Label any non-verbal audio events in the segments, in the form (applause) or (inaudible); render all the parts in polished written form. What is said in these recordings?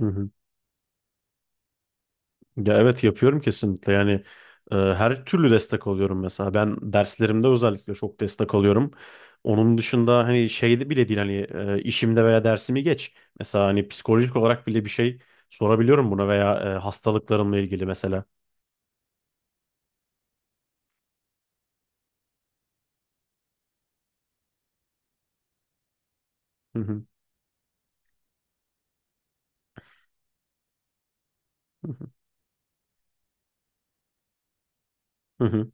Hı hı. Ya evet yapıyorum kesinlikle yani her türlü destek alıyorum mesela ben derslerimde özellikle çok destek alıyorum. Onun dışında hani şeyde bile değil hani işimde veya dersimi geç. Mesela hani psikolojik olarak bile bir şey sorabiliyorum buna veya hastalıklarımla ilgili mesela. Hı hı, hı hı, hı hı.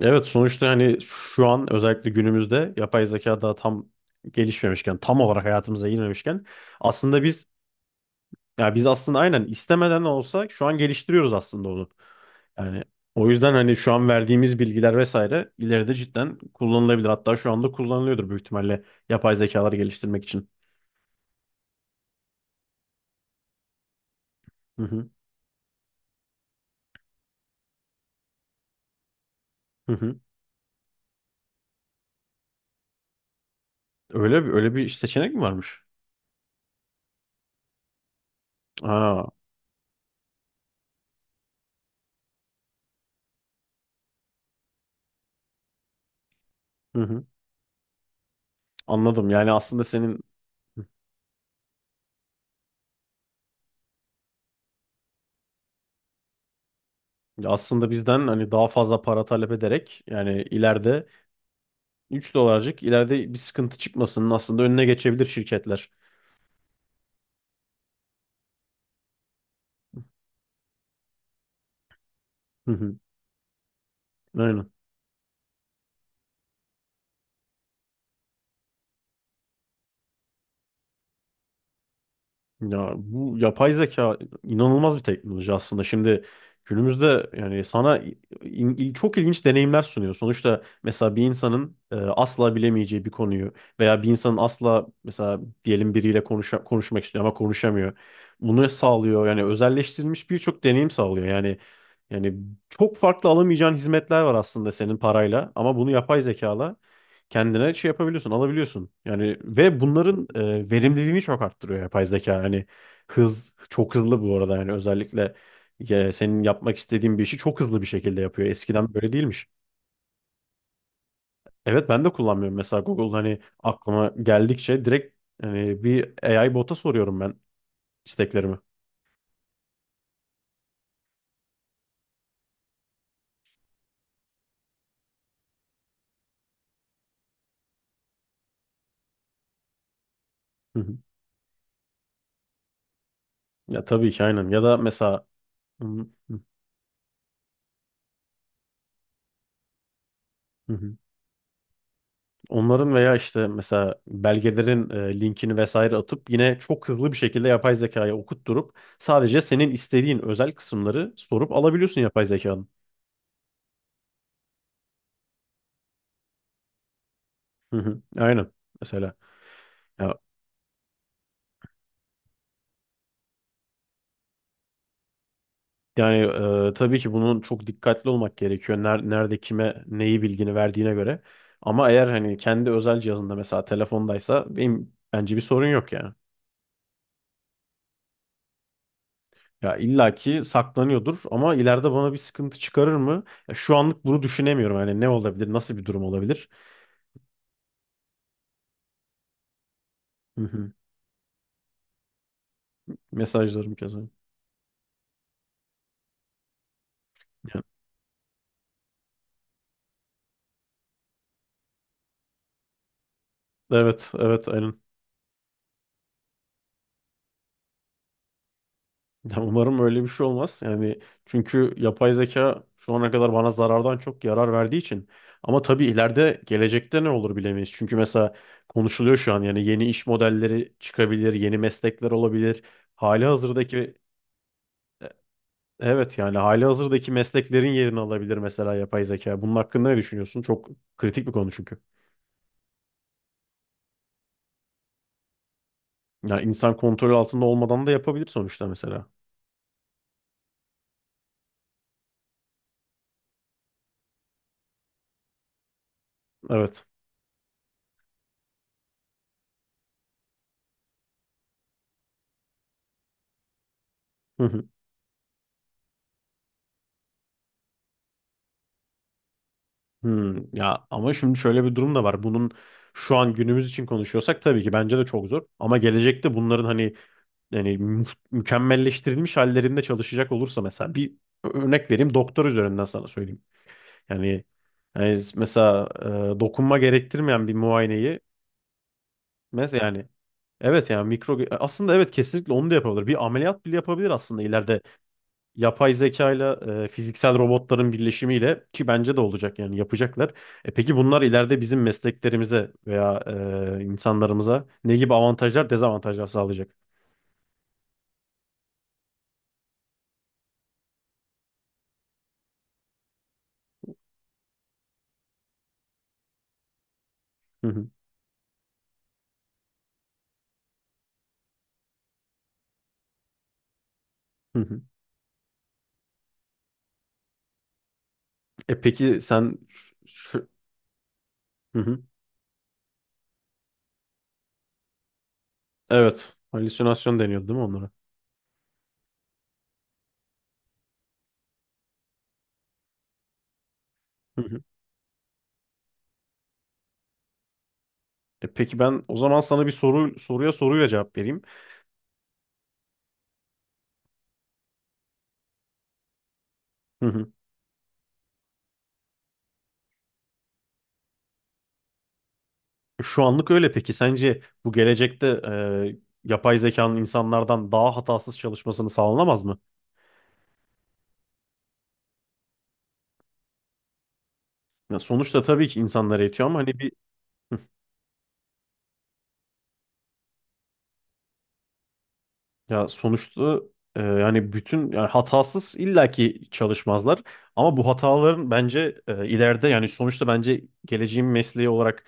Evet sonuçta hani şu an özellikle günümüzde yapay zeka daha tam gelişmemişken tam olarak hayatımıza girmemişken aslında biz. Ya biz aslında aynen istemeden de olsa şu an geliştiriyoruz aslında onu. Yani o yüzden hani şu an verdiğimiz bilgiler vesaire ileride cidden kullanılabilir. Hatta şu anda kullanılıyordur büyük ihtimalle yapay zekalar geliştirmek için. Hı hı, hı hı. Öyle bir seçenek mi varmış? Aa, hı hı. Anladım. Yani aslında senin aslında bizden hani daha fazla para talep ederek yani ileride 3 dolarcık ileride bir sıkıntı çıkmasının aslında önüne geçebilir şirketler. Hı hı. Aynen. Ya bu yapay zeka inanılmaz bir teknoloji aslında. Şimdi günümüzde yani sana çok ilginç deneyimler sunuyor. Sonuçta mesela bir insanın asla bilemeyeceği bir konuyu veya bir insanın asla mesela diyelim biriyle konuşmak istiyor ama konuşamıyor. Bunu sağlıyor. Yani özelleştirilmiş birçok deneyim sağlıyor. Yani çok farklı alamayacağın hizmetler var aslında senin parayla ama bunu yapay zekala kendine şey yapabiliyorsun, alabiliyorsun. Yani ve bunların verimliliğini çok arttırıyor yapay zeka. Hani hız çok hızlı bu arada yani özellikle senin yapmak istediğin bir işi çok hızlı bir şekilde yapıyor. Eskiden böyle değilmiş. Evet ben de kullanmıyorum mesela Google hani aklıma geldikçe direkt hani bir AI bota soruyorum ben isteklerimi. Hı hı. Ya tabii ki aynen. Ya da mesela hı hı, hı hı. Onların veya işte mesela belgelerin linkini vesaire atıp yine çok hızlı bir şekilde yapay zekaya okutturup sadece senin istediğin özel kısımları sorup alabiliyorsun yapay zekanın. Hı hı. Aynen. Mesela ya yani tabii ki bunun çok dikkatli olmak gerekiyor. Nerede kime neyi bilgini verdiğine göre. Ama eğer hani kendi özel cihazında mesela telefondaysa benim bence bir sorun yok yani. Ya illaki saklanıyordur ama ileride bana bir sıkıntı çıkarır mı? Ya şu anlık bunu düşünemiyorum. Yani ne olabilir, nasıl bir durum olabilir? Hı hı. Mesajlarım keza. Yani, evet, evet, aynen. Ya umarım öyle bir şey olmaz. Yani çünkü yapay zeka şu ana kadar bana zarardan çok yarar verdiği için. Ama tabii ileride gelecekte ne olur bilemeyiz. Çünkü mesela konuşuluyor şu an yani yeni iş modelleri çıkabilir, yeni meslekler olabilir. Hali hazırdaki. E- evet yani hali hazırdaki mesleklerin yerini alabilir mesela yapay zeka. Bunun hakkında ne düşünüyorsun? Çok kritik bir konu çünkü. Ya insan kontrol altında olmadan da yapabilir sonuçta mesela. Evet. (laughs) Hmm, ya ama şimdi şöyle bir durum da var. Bunun şu an günümüz için konuşuyorsak tabii ki bence de çok zor. Ama gelecekte bunların hani yani mükemmelleştirilmiş hallerinde çalışacak olursa mesela bir örnek vereyim doktor üzerinden sana söyleyeyim. Yani, yani mesela dokunma gerektirmeyen bir muayeneyi mesela yani evet yani mikro aslında evet kesinlikle onu da yapabilir. Bir ameliyat bile yapabilir aslında ileride yapay zekayla fiziksel robotların birleşimiyle ki bence de olacak yani yapacaklar. E peki bunlar ileride bizim mesleklerimize veya insanlarımıza ne gibi avantajlar, dezavantajlar sağlayacak? Hı hı, hı hı. E peki sen şu, hı hı. Evet, halüsinasyon deniyordu değil mi onlara? Hı hı. E peki ben o zaman sana bir soruyla cevap vereyim. Hı hı. Şu anlık öyle peki sence bu gelecekte yapay zekanın insanlardan daha hatasız çalışmasını sağlanamaz mı? Ya sonuçta tabii ki insanlar eğitiyor ama hani bir ya sonuçta yani bütün hatasız illaki çalışmazlar ama bu hataların bence ileride yani sonuçta bence geleceğin mesleği olarak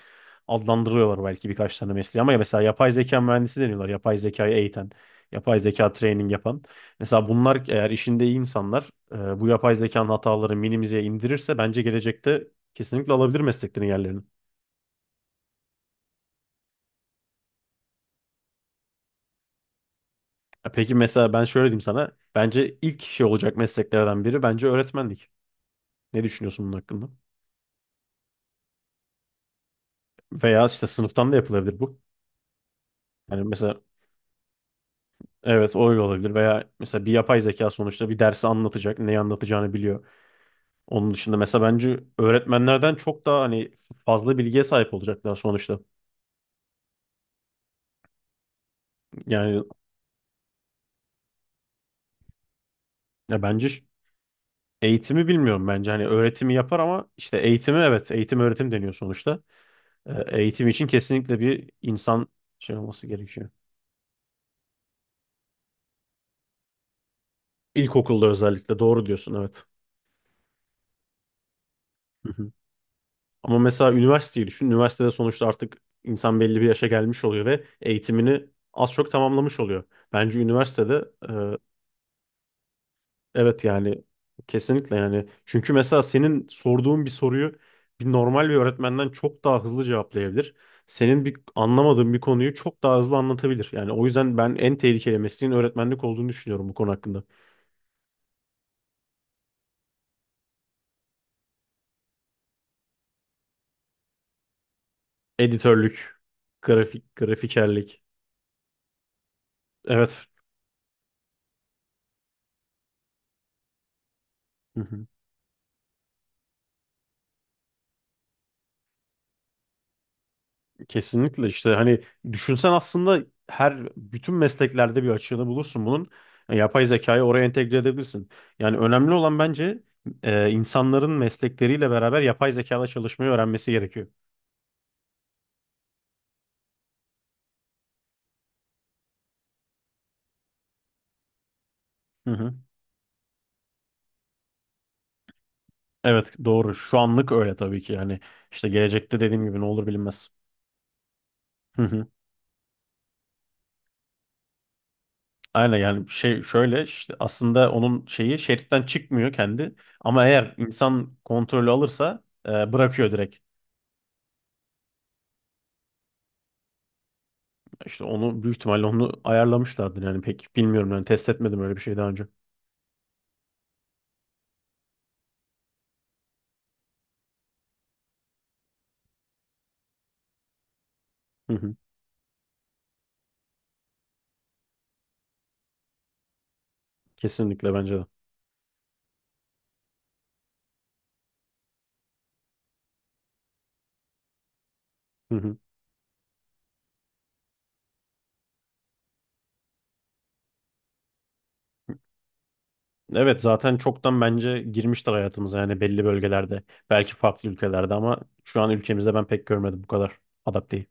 adlandırıyorlar belki birkaç tane mesleği ama ya mesela yapay zeka mühendisi deniyorlar yapay zekayı eğiten yapay zeka training yapan mesela bunlar eğer işinde iyi insanlar bu yapay zekanın hataları minimize indirirse bence gelecekte kesinlikle alabilir mesleklerin yerlerini. Ya peki mesela ben şöyle diyeyim sana. Bence ilk şey olacak mesleklerden biri bence öğretmenlik. Ne düşünüyorsun bunun hakkında? Veya işte sınıftan da yapılabilir bu. Yani mesela evet o öyle olabilir. Veya mesela bir yapay zeka sonuçta bir dersi anlatacak. Neyi anlatacağını biliyor. Onun dışında mesela bence öğretmenlerden çok daha hani fazla bilgiye sahip olacaklar sonuçta. Yani ya eğitimi bilmiyorum bence. Hani öğretimi yapar ama işte eğitimi evet eğitim öğretim deniyor sonuçta. Eğitim için kesinlikle bir insan şey olması gerekiyor. İlkokulda özellikle doğru diyorsun evet. Hı hı. Ama mesela üniversiteyi düşün. Üniversitede sonuçta artık insan belli bir yaşa gelmiş oluyor ve eğitimini az çok tamamlamış oluyor. Bence üniversitede evet yani kesinlikle yani. Çünkü mesela senin sorduğun bir soruyu normal bir öğretmenden çok daha hızlı cevaplayabilir. Senin bir anlamadığın bir konuyu çok daha hızlı anlatabilir. Yani o yüzden ben en tehlikeli mesleğin öğretmenlik olduğunu düşünüyorum bu konu hakkında. Editörlük, grafik, grafikerlik. Evet. Hı hı. Kesinlikle işte hani düşünsen aslında her bütün mesleklerde bir açığını bulursun bunun. Yani yapay zekayı oraya entegre edebilirsin. Yani önemli olan bence insanların meslekleriyle beraber yapay zekada çalışmayı öğrenmesi gerekiyor. Hı hı. Evet doğru. Şu anlık öyle tabii ki yani işte gelecekte dediğim gibi ne olur bilinmez. Hı hı. Aynen yani şey şöyle işte aslında onun şeyi şeritten çıkmıyor kendi ama eğer insan kontrolü alırsa bırakıyor direkt. İşte onu büyük ihtimalle ayarlamışlardır yani pek bilmiyorum yani test etmedim öyle bir şey daha önce. Hı hı. Kesinlikle bence de. Hı hı. Evet zaten çoktan bence girmiştir hayatımıza yani belli bölgelerde belki farklı ülkelerde ama şu an ülkemizde ben pek görmedim bu kadar adapte